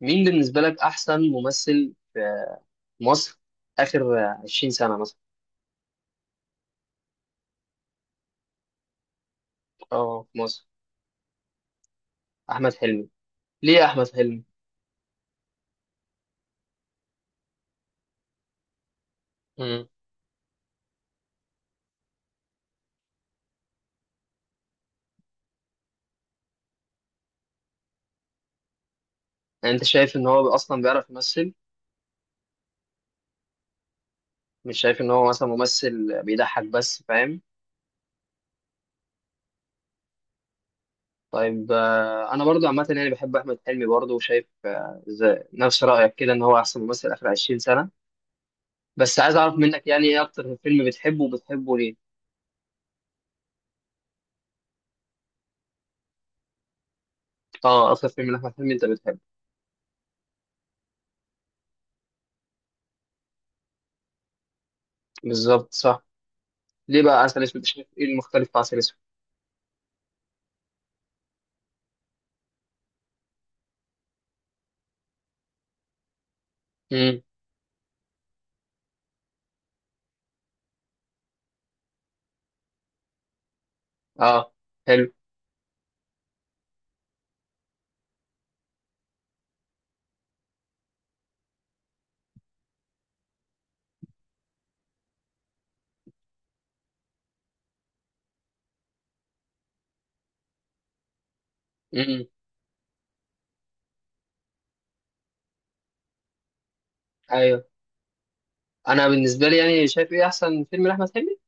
مين بالنسبة لك أحسن ممثل في مصر آخر 20 سنة مثلا؟ اه، في مصر أحمد حلمي. ليه أحمد حلمي؟ امم يعني أنت شايف إن هو أصلا بيعرف يمثل؟ مش شايف إن هو مثلا ممثل بيضحك بس، فاهم؟ طيب، أنا برضو عامة يعني بحب أحمد حلمي برضو، وشايف نفس رأيك كده إن هو أحسن ممثل آخر 20 سنة. بس عايز أعرف منك يعني إيه أكتر فيلم بتحبه وبتحبه ليه؟ أه، أكتر فيلم لأحمد حلمي أنت بتحبه. بالظبط، صح. ليه بقى عسل أسود؟ شايف إيه المختلف في عسل أسود؟ اه، حلو. امم. ايوه، انا بالنسبه لي يعني شايف ايه احسن فيلم لاحمد حلمي؟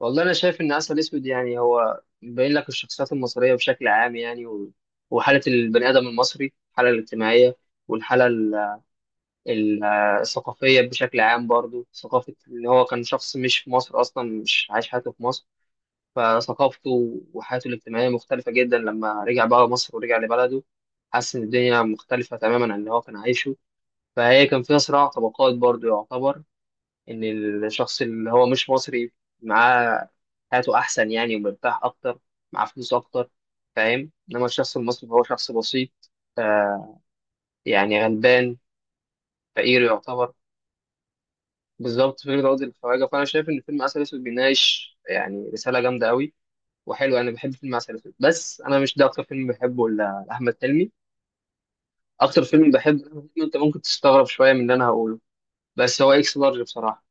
والله انا شايف ان عسل اسود يعني هو بيبين لك الشخصيات المصريه بشكل عام يعني وحاله البني ادم المصري، الحاله الاجتماعيه والحاله ال... ال- الثقافيه بشكل عام، برضو ثقافه ان هو كان شخص مش في مصر اصلا، مش عايش حياته في مصر، فثقافته وحياته الاجتماعيه مختلفه جدا لما رجع بقى مصر ورجع لبلده. حس ان الدنيا مختلفه تماما عن اللي هو كان عايشه، فهي كان فيها صراع طبقات برضو، يعتبر إن الشخص اللي هو مش مصري معاه حياته أحسن يعني، ومرتاح أكتر، معاه فلوس أكتر، فاهم؟ إنما الشخص المصري هو شخص بسيط يعني، غلبان، فقير يعتبر. بالظبط، فكرة عقد الخواجة. فأنا شايف إن فيلم عسل أسود بيناقش يعني رسالة جامدة أوي، وحلو. أنا بحب فيلم عسل أسود، بس أنا مش ده أكتر فيلم بحبه لأحمد حلمي. أكتر فيلم بحبه لأحمد حلمي أنت ممكن تستغرب شوية من اللي أنا هقوله، بس هو إكس لارج بصراحة.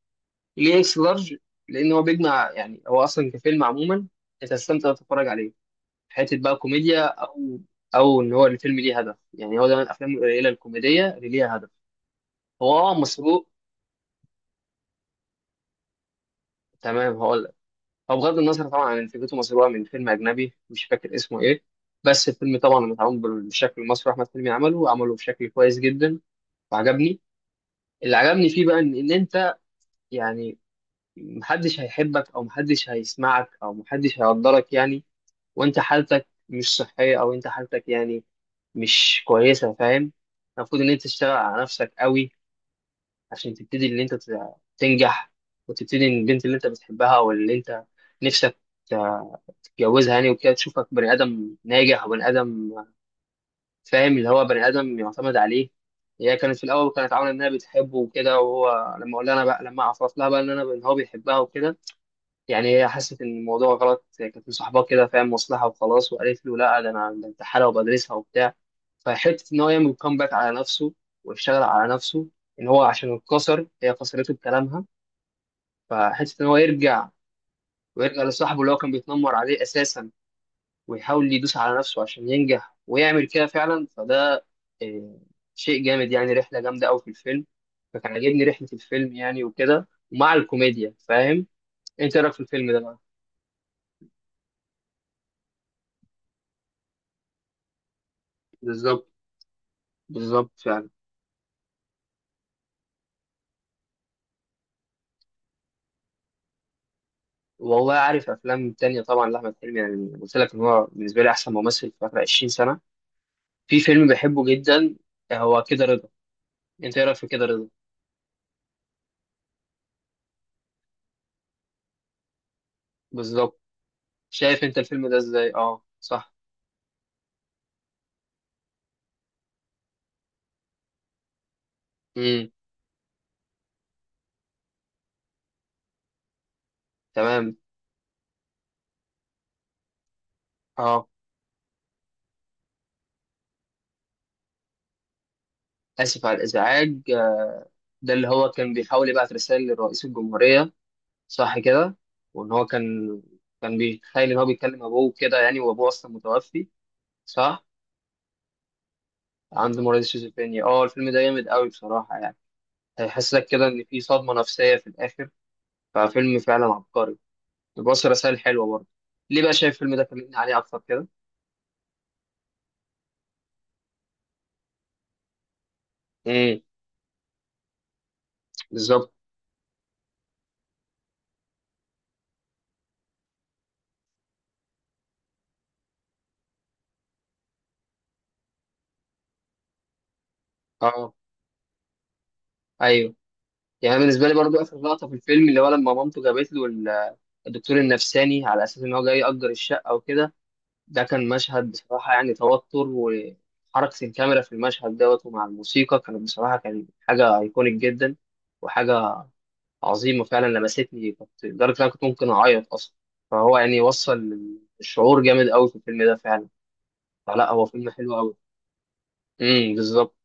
ليه اكس لارج؟ لان هو بيجمع، يعني هو اصلا كفيلم عموما انت هتستمتع وأنت تتفرج عليه، حته بقى كوميديا او او ان هو الفيلم ليه هدف. يعني هو ده من الافلام القليله الكوميديه اللي ليها هدف. هو اه مسروق. تمام، هقول لك. هو بغض النظر طبعا عن إن فكرته مسروقه من فيلم اجنبي مش فاكر اسمه ايه، بس الفيلم طبعا متعامل بالشكل المصري، احمد حلمي عمله عمله بشكل كويس جدا وعجبني. اللي عجبني فيه بقى ان انت يعني محدش هيحبك او محدش هيسمعك او محدش هيقدرك يعني، وانت حالتك مش صحية او انت حالتك يعني مش كويسة، فاهم؟ المفروض ان انت تشتغل على نفسك قوي عشان تبتدي ان انت تنجح، وتبتدي ان البنت اللي انت بتحبها او اللي انت نفسك تتجوزها يعني وكده تشوفك بني ادم ناجح وبني ادم، فاهم؟ اللي هو بني ادم يعتمد عليه. هي كانت في الاول كانت عامله انها بتحبه وكده، وهو لما اقول لها انا بقى لما اعرف لها بقى ان انا ان هو بيحبها وكده، يعني هي حست ان الموضوع غلط، هي كانت مصاحباه كده، فاهم، مصلحه وخلاص، وقالت له لا، ده انا ده انت حاله، وبدرسها وبتاع. فحته ان هو يعمل كومباك على نفسه ويشتغل على نفسه، ان هو عشان اتكسر، هي كسرته بكلامها، فحته ان هو يرجع ويرجع لصاحبه اللي هو كان بيتنمر عليه اساسا، ويحاول يدوس على نفسه عشان ينجح، ويعمل كده فعلا. فده آه، شيء جامد يعني، رحله جامده قوي في الفيلم. فكان عاجبني رحله الفيلم يعني وكده، ومع الكوميديا، فاهم؟ انت إيه رايك في الفيلم ده بقى؟ بالظبط، بالظبط فعلا. والله عارف افلام تانية طبعا لاحمد حلمي، يعني قلت لك ان هو بالنسبه لي احسن ممثل في اخر 20 سنه. في فيلم بحبه جدا، هو كده رضا. انت ايه رايك في كده رضا؟ بالظبط. شايف انت الفيلم ده ازاي؟ اه، صح. امم. تمام. اه، اسف على الازعاج. ده اللي هو كان بيحاول يبعت رساله لرئيس الجمهوريه، صح كده؟ وان هو كان كان بيتخيل ان هو بيكلم ابوه كده يعني، وابوه اصلا متوفي. صح، عنده مرض الشيزوفرينيا. اه، الفيلم ده جامد قوي بصراحه يعني. هيحسسك كده إن في صدمة نفسية في الآخر. ففيلم فعلا عبقري، بيوصل رسائل حلوة برضه. ليه بقى شايف الفيلم ده؟ كلمني عليه أكتر كده. امم، بالظبط. اه. ايوه. يعني بالنسبه لي برضو، اخر لقطه في الفيلم اللي هو لما مامته جابت له الدكتور النفساني على اساس ان هو جاي يأجر الشقه وكده، ده كان مشهد بصراحه، يعني توتر وحركه الكاميرا في المشهد دوت، ومع الموسيقى، كانت بصراحه كان حاجه ايكونيك جدا، وحاجه عظيمة فعلا. لمستني، كنت لدرجة إن أنا كنت ممكن أعيط أصلا. فهو يعني وصل الشعور جامد أوي في الفيلم ده فعلا. فلا، هو فيلم حلو أوي. امم، بالظبط.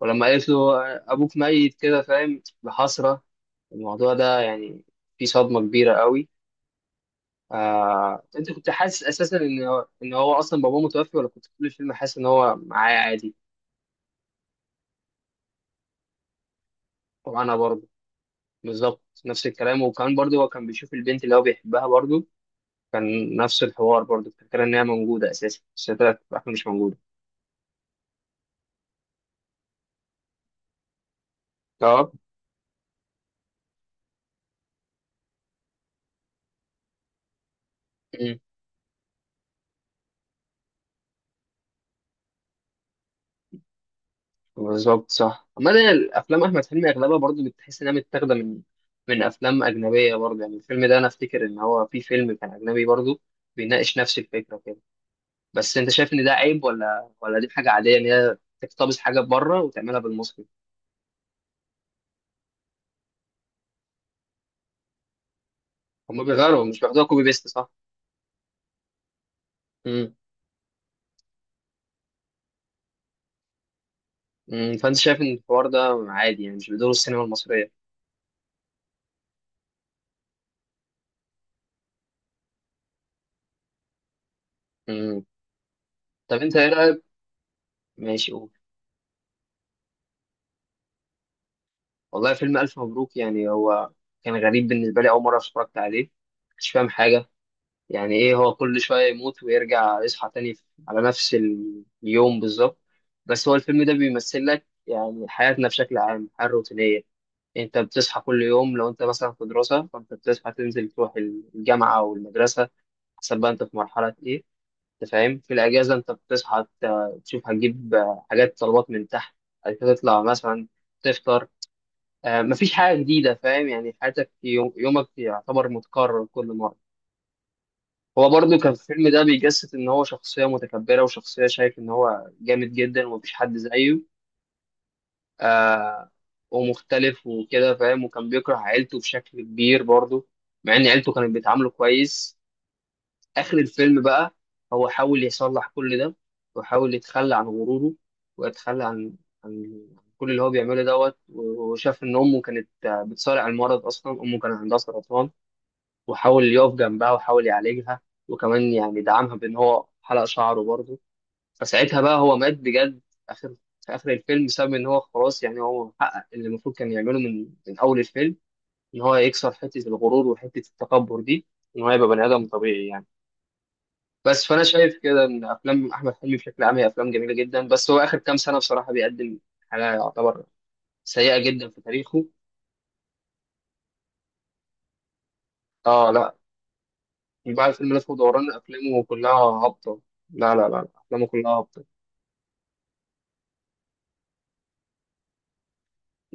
ولما قالت له أبوك ميت كده، فاهم، بحسرة، الموضوع ده يعني فيه صدمة كبيرة أوي. أنت كنت حاسس أساسا إن هو إن هو أصلا باباه متوفي، ولا كنت طول الفيلم حاسس إن هو معاه عادي؟ وأنا برضه بالظبط نفس الكلام. وكمان برضه هو كان بيشوف البنت اللي هو بيحبها برضه، كان نفس الحوار برضه، الفكرة إن هي موجودة أساسا، بس هي طلعت في الآخر مش موجودة. اه. مم. بالظبط، صح. أما ده الأفلام أحمد حلمي أغلبها برضه بتحس إنها متاخدة من من أفلام أجنبية برضه، يعني الفيلم ده أنا أفتكر إن هو في فيلم كان أجنبي برضه بيناقش نفس الفكرة كده. بس أنت شايف إن ده عيب ولا دي حاجة عادية إن هي تقتبس حاجة بره وتعملها بالمصري؟ هما بيغيروا، مش بياخدوها كوبي بيست، صح؟ مم. مم. فأنت شايف إن الحوار ده عادي يعني، مش بدور السينما المصرية؟ مم. طب أنت إيه رأيك؟ ماشي، قول. والله فيلم ألف مبروك يعني هو كان غريب بالنسبة لي أول مرة اتفرجت عليه، مش فاهم حاجة، يعني إيه هو كل شوية يموت ويرجع يصحى تاني على نفس اليوم بالظبط. بس هو الفيلم ده بيمثل لك يعني حياتنا بشكل عام، الحياة الروتينية. أنت بتصحى كل يوم، لو أنت مثلا في دراسة فأنت بتصحى تنزل تروح الجامعة أو المدرسة، حسب بقى أنت في مرحلة إيه، أنت فاهم. في الأجازة أنت بتصحى تشوف هتجيب حاجات طلبات من تحت، بعد كده تطلع مثلا تفطر، مفيش حاجة جديدة، فاهم، يعني حياتك يوم يومك يعتبر متكرر كل مرة. هو برضه كان في الفيلم ده بيجسد إن هو شخصية متكبرة، وشخصية شايف إن هو جامد جدا ومفيش حد زيه. آه، ومختلف وكده، فاهم، وكان بيكره عيلته بشكل كبير برضه، مع إن عيلته كانت بيتعاملوا كويس. اخر الفيلم بقى هو حاول يصلح كل ده، وحاول يتخلى عن غروره ويتخلى عن عن كل اللي هو بيعمله دوت، وشاف ان امه كانت بتصارع المرض، اصلا امه كان عندها سرطان، وحاول يقف جنبها وحاول يعالجها، وكمان يعني دعمها بان هو حلق شعره برضه. فساعتها بقى هو مات بجد في اخر في اخر الفيلم، بسبب ان هو خلاص يعني هو حقق اللي المفروض كان يعمله من من اول الفيلم، ان هو يكسر حته الغرور وحته التكبر دي، ان هو يبقى بني ادم طبيعي يعني. بس فانا شايف كده ان افلام احمد حلمي بشكل عام هي افلام جميله جدا، بس هو اخر كام سنه بصراحه بيقدم حاجه يعتبر سيئه جدا في تاريخه. اه لا، من بعد فيلم لف ودوران افلامه كلها هابطه. لا، افلامه كلها هابطه.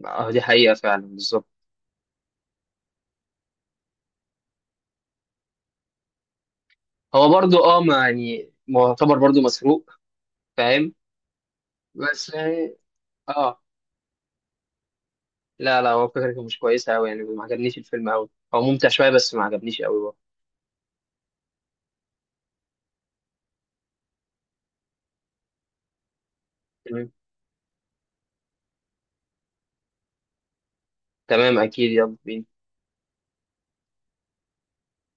آه، دي حقيقه فعلا، بالظبط. هو برضو اه ما يعني معتبر برضو مسروق، فاهم، بس يعني اه لا لا، هو فكرته مش كويسه قوي يعني، ما عجبنيش الفيلم قوي، هو ممتع شويه بس ما عجبنيش قوي. تمام. تمام، اكيد، يلا بينا.